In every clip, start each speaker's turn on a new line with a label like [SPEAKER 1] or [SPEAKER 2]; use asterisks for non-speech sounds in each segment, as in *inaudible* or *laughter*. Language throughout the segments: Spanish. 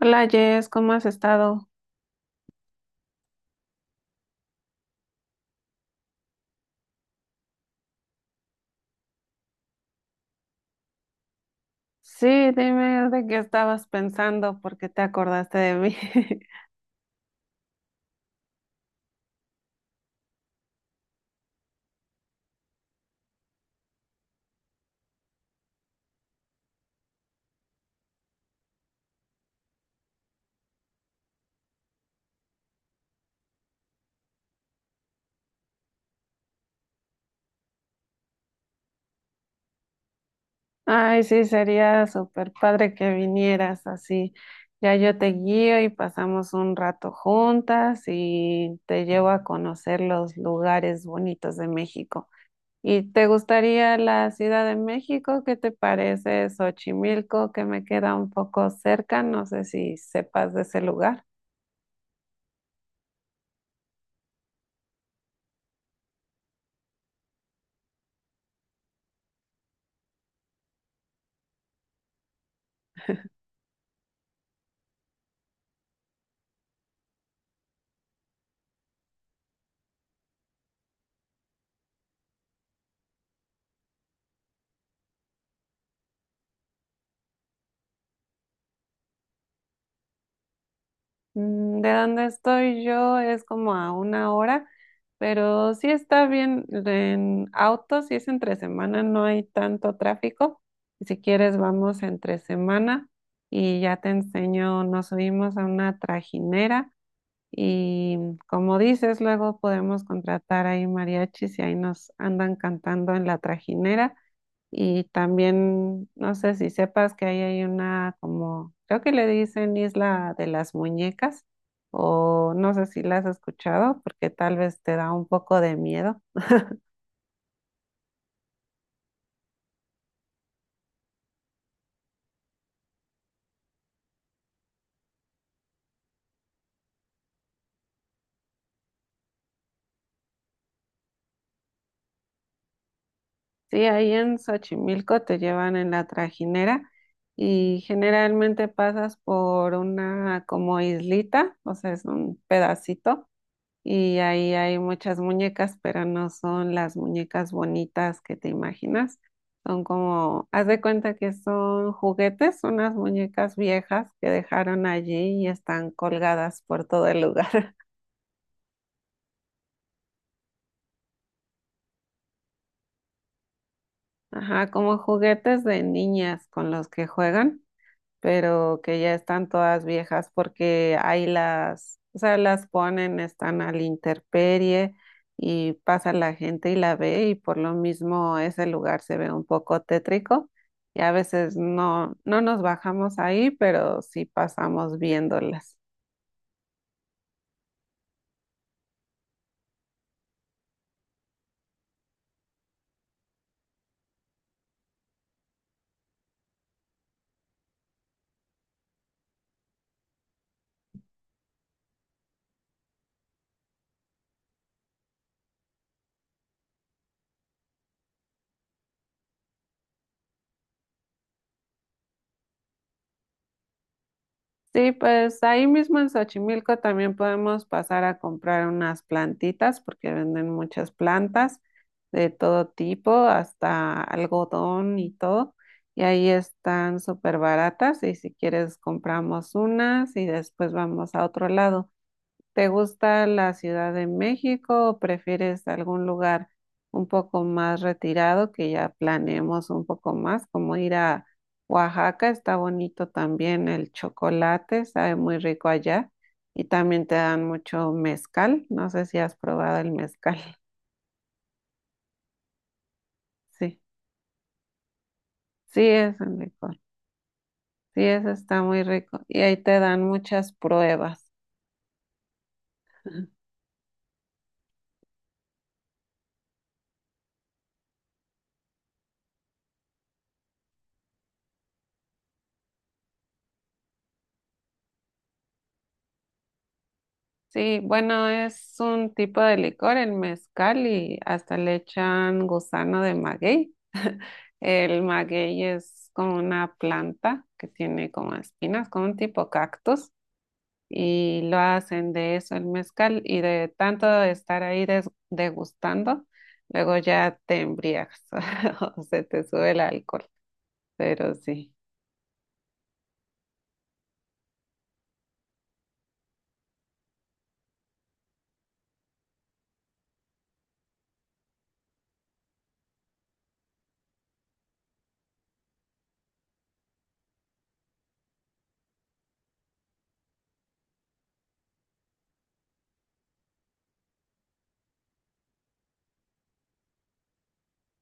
[SPEAKER 1] Hola, Jess, ¿cómo has estado? Sí, dime de qué estabas pensando porque te acordaste de mí. *laughs* Ay, sí, sería súper padre que vinieras así. Ya yo te guío y pasamos un rato juntas y te llevo a conocer los lugares bonitos de México. ¿Y te gustaría la Ciudad de México? ¿Qué te parece Xochimilco, que me queda un poco cerca? No sé si sepas de ese lugar. De donde estoy yo es como a una hora, pero sí está bien en auto, si es entre semana no hay tanto tráfico. Y si quieres vamos entre semana y ya te enseño, nos subimos a una trajinera y, como dices, luego podemos contratar ahí mariachis y ahí nos andan cantando en la trajinera. Y también, no sé si sepas que ahí hay una, como, creo que le dicen Isla de las Muñecas, o no sé si la has escuchado, porque tal vez te da un poco de miedo. Sí, ahí en Xochimilco te llevan en la trajinera y generalmente pasas por una como islita, o sea, es un pedacito. Y ahí hay muchas muñecas, pero no son las muñecas bonitas que te imaginas. Son como, haz de cuenta que son juguetes, unas muñecas viejas que dejaron allí y están colgadas por todo el lugar. *laughs* Ajá, como juguetes de niñas con los que juegan, pero que ya están todas viejas porque ahí las, o sea, las ponen, están al intemperie, y pasa la gente y la ve y por lo mismo ese lugar se ve un poco tétrico, y a veces no, no nos bajamos ahí, pero sí pasamos viéndolas. Sí, pues ahí mismo en Xochimilco también podemos pasar a comprar unas plantitas porque venden muchas plantas de todo tipo, hasta algodón y todo. Y ahí están súper baratas y si quieres compramos unas y después vamos a otro lado. ¿Te gusta la Ciudad de México o prefieres algún lugar un poco más retirado que ya planeemos un poco más, como ir a Oaxaca? Está bonito también el chocolate, sabe muy rico allá, y también te dan mucho mezcal. No sé si has probado el mezcal. *laughs* Sí, sí es un licor. Sí, eso está muy rico y ahí te dan muchas pruebas. Sí, bueno, es un tipo de licor, el mezcal, y hasta le echan gusano de maguey. *laughs* El maguey es como una planta que tiene como espinas, como un tipo cactus, y lo hacen de eso el mezcal, y de tanto estar ahí degustando, luego ya te embriagas *laughs* o se te sube el alcohol, pero sí.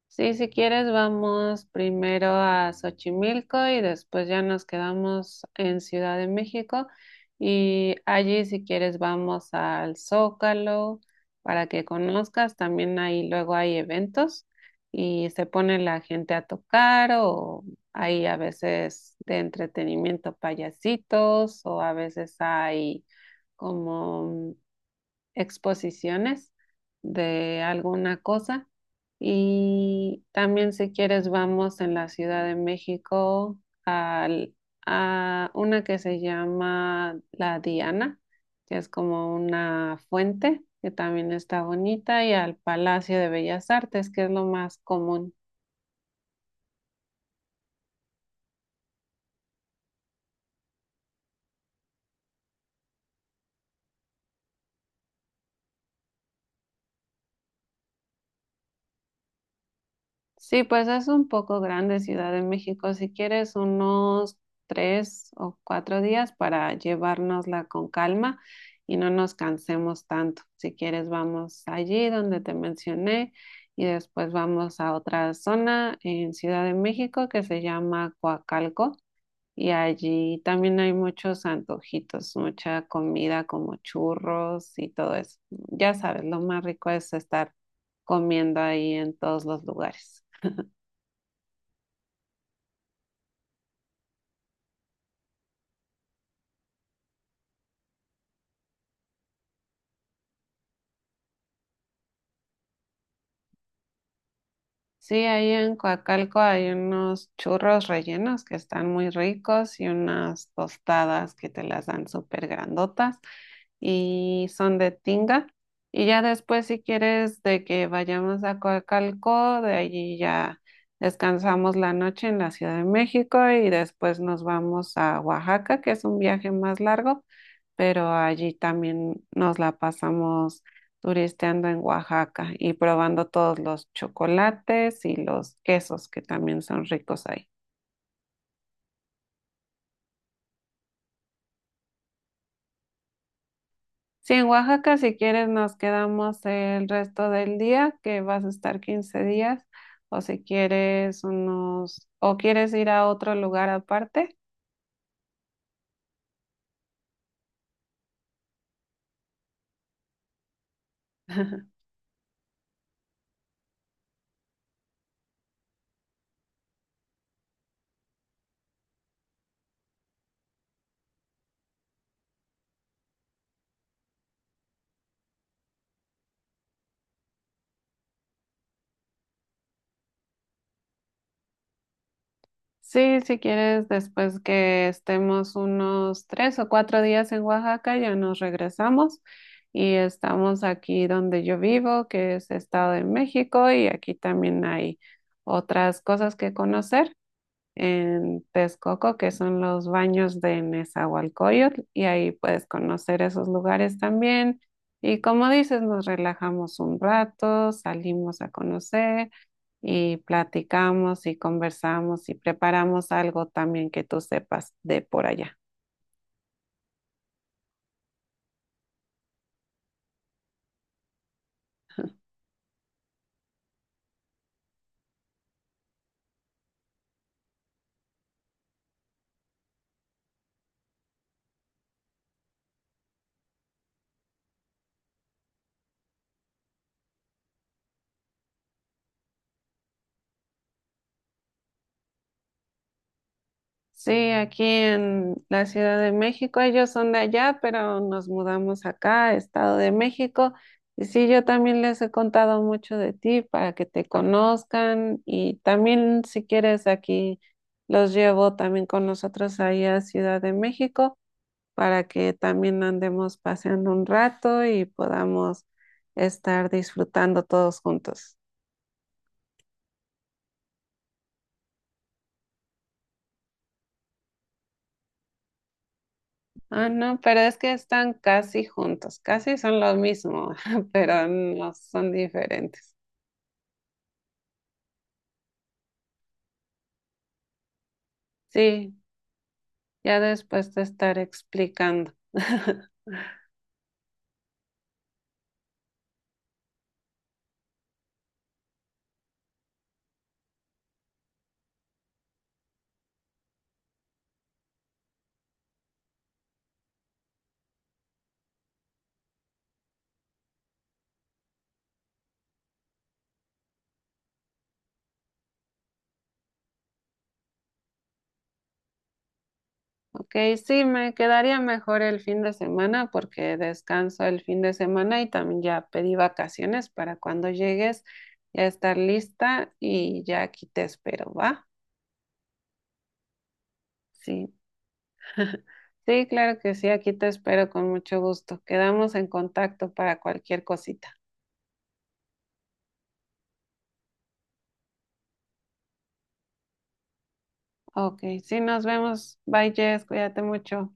[SPEAKER 1] Sí, si quieres, vamos primero a Xochimilco y después ya nos quedamos en Ciudad de México. Y allí, si quieres, vamos al Zócalo para que conozcas. También ahí luego hay eventos y se pone la gente a tocar, o hay a veces de entretenimiento payasitos, o a veces hay como exposiciones de alguna cosa. Y también si quieres vamos en la Ciudad de México al- a una que se llama La Diana, que es como una fuente que también está bonita, y al Palacio de Bellas Artes, que es lo más común. Sí, pues es un poco grande Ciudad de México. Si quieres, unos 3 o 4 días para llevárnosla con calma y no nos cansemos tanto. Si quieres, vamos allí donde te mencioné y después vamos a otra zona en Ciudad de México que se llama Coacalco, y allí también hay muchos antojitos, mucha comida como churros y todo eso. Ya sabes, lo más rico es estar comiendo ahí en todos los lugares. Sí, ahí en Coacalco hay unos churros rellenos que están muy ricos y unas tostadas que te las dan súper grandotas y son de tinga. Y ya después, si quieres, de que vayamos a Coacalco, de allí ya descansamos la noche en la Ciudad de México y después nos vamos a Oaxaca, que es un viaje más largo, pero allí también nos la pasamos turisteando en Oaxaca y probando todos los chocolates y los quesos que también son ricos ahí. Sí, en Oaxaca, si quieres, nos quedamos el resto del día, que vas a estar 15 días, o si quieres unos, o quieres ir a otro lugar aparte. Sí, si quieres, después que estemos unos 3 o 4 días en Oaxaca, ya nos regresamos y estamos aquí donde yo vivo, que es Estado de México, y aquí también hay otras cosas que conocer en Texcoco, que son los baños de Nezahualcóyotl, y ahí puedes conocer esos lugares también. Y como dices, nos relajamos un rato, salimos a conocer y platicamos y conversamos y preparamos algo también que tú sepas de por allá. Sí, aquí en la Ciudad de México, ellos son de allá, pero nos mudamos acá, Estado de México. Y sí, yo también les he contado mucho de ti para que te conozcan, y también si quieres aquí los llevo también con nosotros ahí a Ciudad de México para que también andemos paseando un rato y podamos estar disfrutando todos juntos. Ah, no, pero es que están casi juntos, casi son los mismos, *laughs* pero no son diferentes. Sí, ya después te estaré explicando. *laughs* Ok, sí, me quedaría mejor el fin de semana porque descanso el fin de semana y también ya pedí vacaciones para cuando llegues ya estar lista, y ya aquí te espero, ¿va? Sí. Sí, claro que sí, aquí te espero con mucho gusto. Quedamos en contacto para cualquier cosita. Ok, sí, nos vemos. Bye, Jess, cuídate mucho.